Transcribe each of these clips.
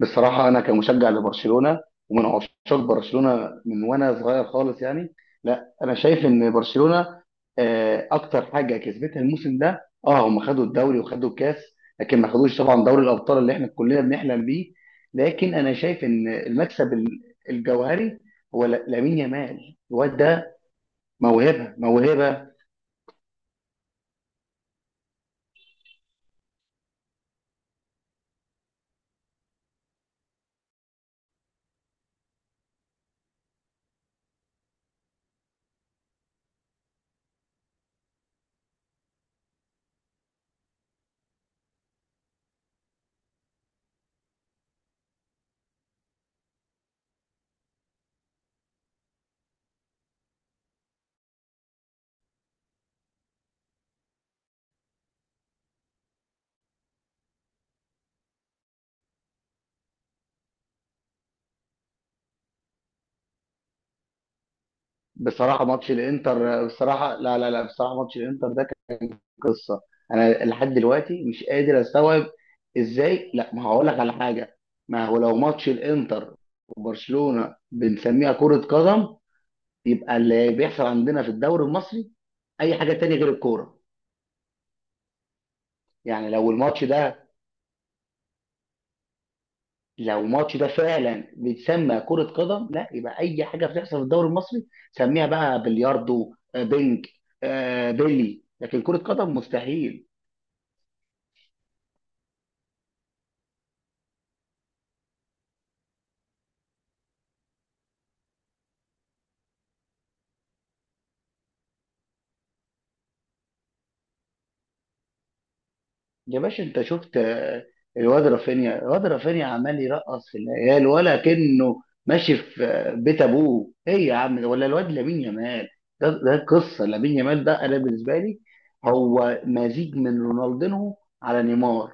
بصراحة أنا كمشجع لبرشلونة ومن عشاق برشلونة من وأنا صغير خالص يعني. لا، أنا شايف إن برشلونة أكتر حاجة كسبتها الموسم ده هم خدوا الدوري وخدوا الكاس. لكن ما خدوش طبعا دوري الأبطال اللي إحنا كلنا بنحلم بيه. لكن أنا شايف إن المكسب الجوهري هو لامين يامال، الواد ده موهبة موهبة. بصراحة ماتش الإنتر، بصراحة لا لا لا، بصراحة ماتش الإنتر ده قصه. انا لحد دلوقتي مش قادر استوعب ازاي. لا، ما هقول لك على حاجه. ما هو لو ماتش الانتر وبرشلونه بنسميها كره قدم، يبقى اللي بيحصل عندنا في الدوري المصري اي حاجه تانية غير الكوره. يعني لو الماتش ده فعلا بيتسمى كره قدم، لا يبقى اي حاجه بتحصل في الدوري المصري. سميها بقى بلياردو، بينج، بيلي، لكن كره قدم مستحيل. يا باشا انت شفت الواد رافينيا عمال يرقص في العيال ولا كأنه ماشي في بيت ابوه؟ ايه يا عم، ولا الواد لامين يامال؟ ده قصه. لامين يامال ده انا بالنسبه لي هو مزيج من رونالدينو على نيمار.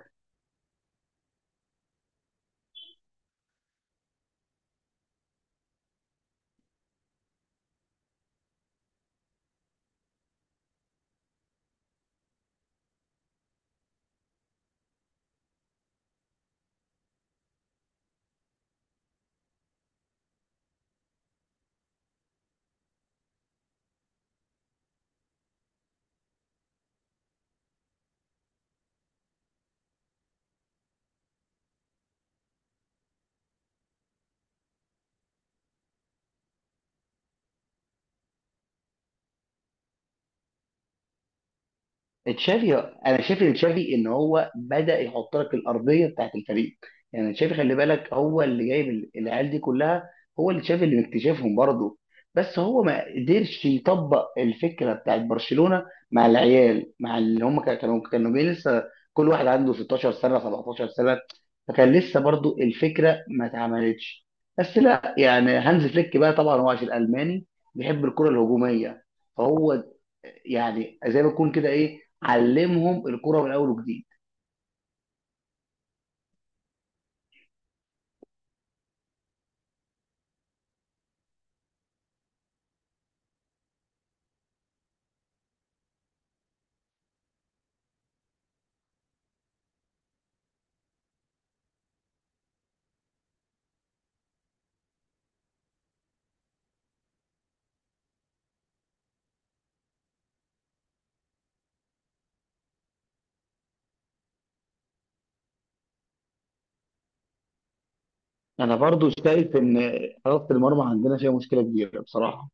تشافي، انا شايف ان تشافي ان هو بدا يحط لك الارضيه بتاعت الفريق. يعني تشافي خلي بالك هو اللي جايب العيال دي كلها. هو اللي تشافي اللي مكتشفهم برضه. بس هو ما قدرش يطبق الفكره بتاعت برشلونه مع العيال، مع اللي هم كانوا جايين لسه. كل واحد عنده 16 سنه 17 سنه، فكان لسه برضه الفكره ما اتعملتش. بس لا، يعني هانز فليك بقى طبعا هو عشان الماني بيحب الكره الهجوميه. فهو يعني زي ما يكون كده ايه، علمهم الكرة من اول وجديد. انا برضو شايف ان حراسة المرمى عندنا فيها مشكلة كبيرة بصراحة.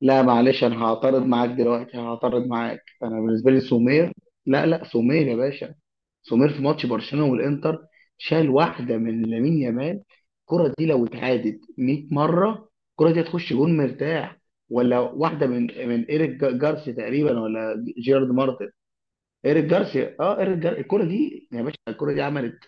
لا معلش، انا هعترض معاك دلوقتي، هعترض معاك. انا بالنسبة لي سومير. لا لا، سومير يا باشا. سومير في ماتش برشلونة والانتر شال واحدة من لامين يامال. الكرة دي لو اتعادت 100 مرة الكرة دي هتخش جون مرتاح. ولا واحدة من ايريك جارسيا تقريبا، ولا جيرارد مارتن. ايريك جارسيا، اه، ايريك جارسيا، الكرة دي يا باشا، الكرة دي عملت،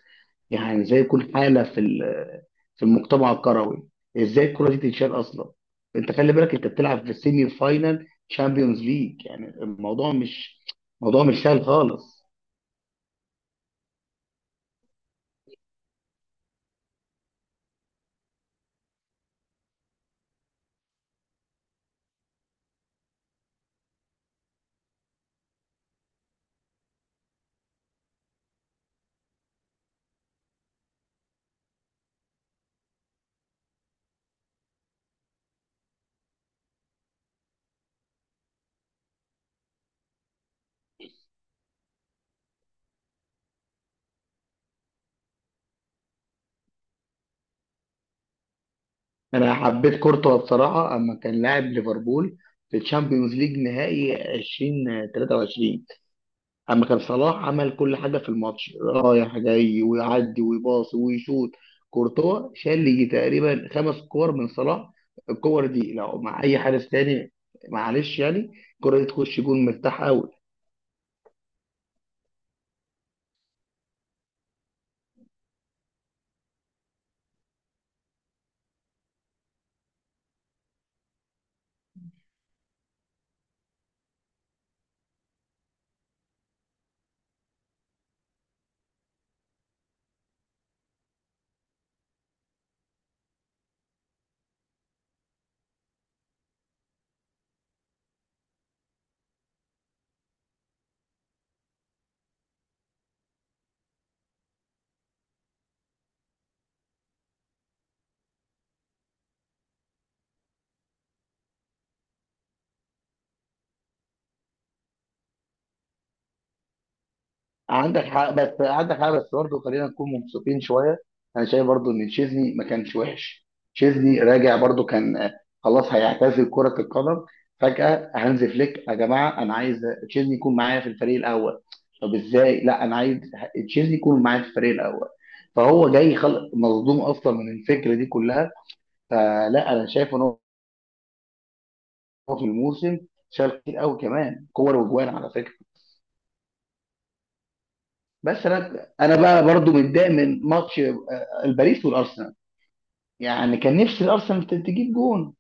يعني زي يكون حاله في المجتمع الكروي. ازاي الكره دي تتشال اصلا؟ انت خلي بالك انت بتلعب في السيمي فاينال شامبيونز ليج، يعني الموضوع مش موضوع مش سهل خالص. انا حبيت كورتوا بصراحه اما كان لاعب ليفربول في الشامبيونز ليج نهائي 2023. اما كان صلاح عمل كل حاجه في الماتش رايح جاي ويعدي ويباصي ويشوط، كورتوا شال لي تقريبا خمس كور من صلاح. الكور دي لو مع اي حارس تاني، معلش يعني، الكره دي تخش جون مرتاحه. عندك حق، بس عندك حق، بس برضه خلينا نكون مبسوطين شويه. انا شايف برضه ان تشيزني ما كانش وحش. تشيزني راجع برضه، كان خلاص هيعتزل كره القدم، فجاه هانز فليك: يا جماعه انا عايز تشيزني يكون معايا في الفريق الاول. طب ازاي؟ لا، انا عايز تشيزني يكون معايا في الفريق الاول. فهو جاي خلق مصدوم اصلا من الفكره دي كلها. فلا، انا شايف ان هو في الموسم شال كتير قوي كمان كور وجوان على فكره. بس انا بقى برضو متضايق من ماتش الباريس والارسنال، يعني كان نفسي الارسنال تجيب جون.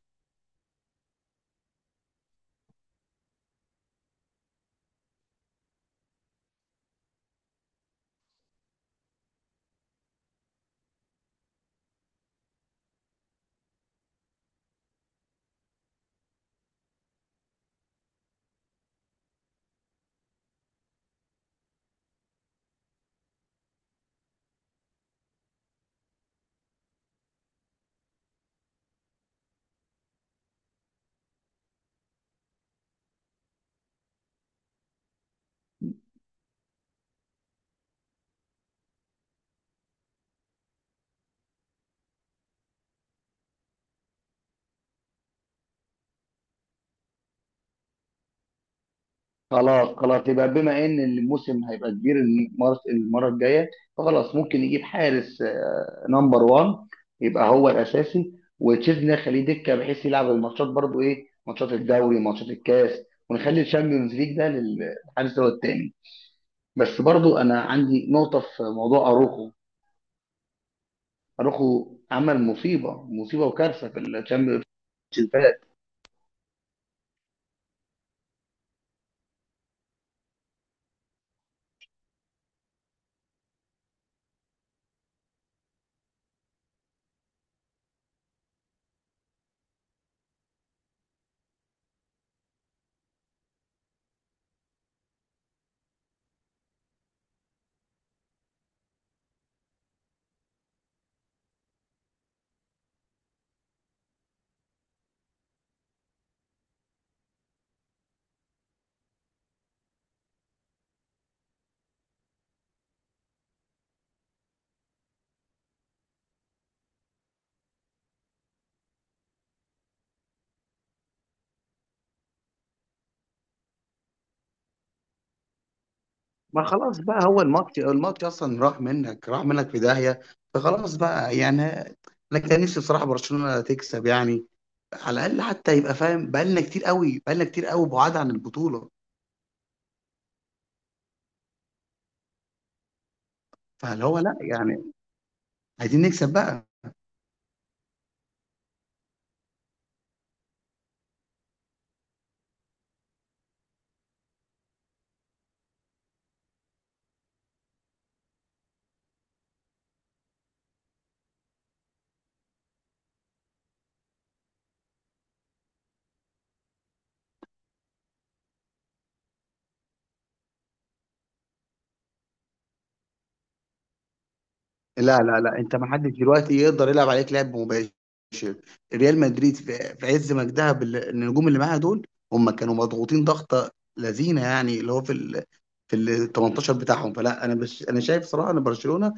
خلاص خلاص، يبقى بما ان الموسم هيبقى كبير المره الجايه فخلاص ممكن يجيب حارس، نمبر 1، يبقى هو الاساسي، وتشيزني خليه دكه بحيث يلعب الماتشات برضو ايه، ماتشات الدوري، ماتشات الكاس، ونخلي الشامبيونز ليج ده للحارس هو التاني. بس برضو انا عندي نقطه في موضوع اروخو. اروخو عمل مصيبه مصيبه وكارثه في الشامبيونز ليج. ما خلاص بقى، هو الماتش اصلا راح منك راح منك في داهيه، فخلاص بقى يعني انا كان نفسي بصراحه برشلونه تكسب، يعني على الاقل حتى يبقى فاهم، بقالنا كتير قوي بقالنا كتير قوي بعاد عن البطوله. فاللي هو لا، يعني عايزين نكسب بقى. لا لا لا، انت ما حدش دلوقتي يقدر يلعب عليك لعب مباشر. ريال مدريد في عز مجدها بالنجوم اللي معاها دول، هم كانوا مضغوطين ضغطه لذينه، يعني اللي هو في ال 18 بتاعهم. فلا انا شايف صراحه ان برشلونه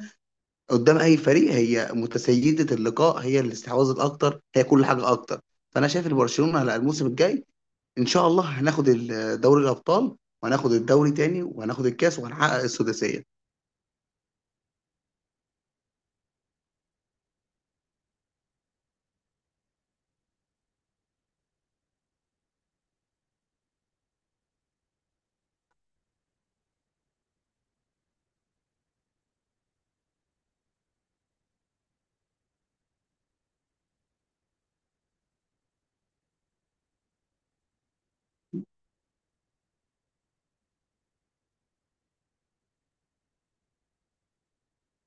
قدام اي فريق هي متسيده اللقاء، هي الاستحواذ الاكتر، هي كل حاجه اكتر. فانا شايف ان برشلونه على الموسم الجاي ان شاء الله هناخد دوري الابطال، وهناخد الدوري تاني، وهناخد الكاس، وهنحقق السداسيه.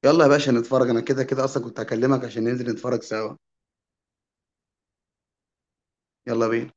يلا يا باشا نتفرج، انا كده كده اصلا كنت هكلمك عشان ننزل نتفرج سوا. يلا بينا.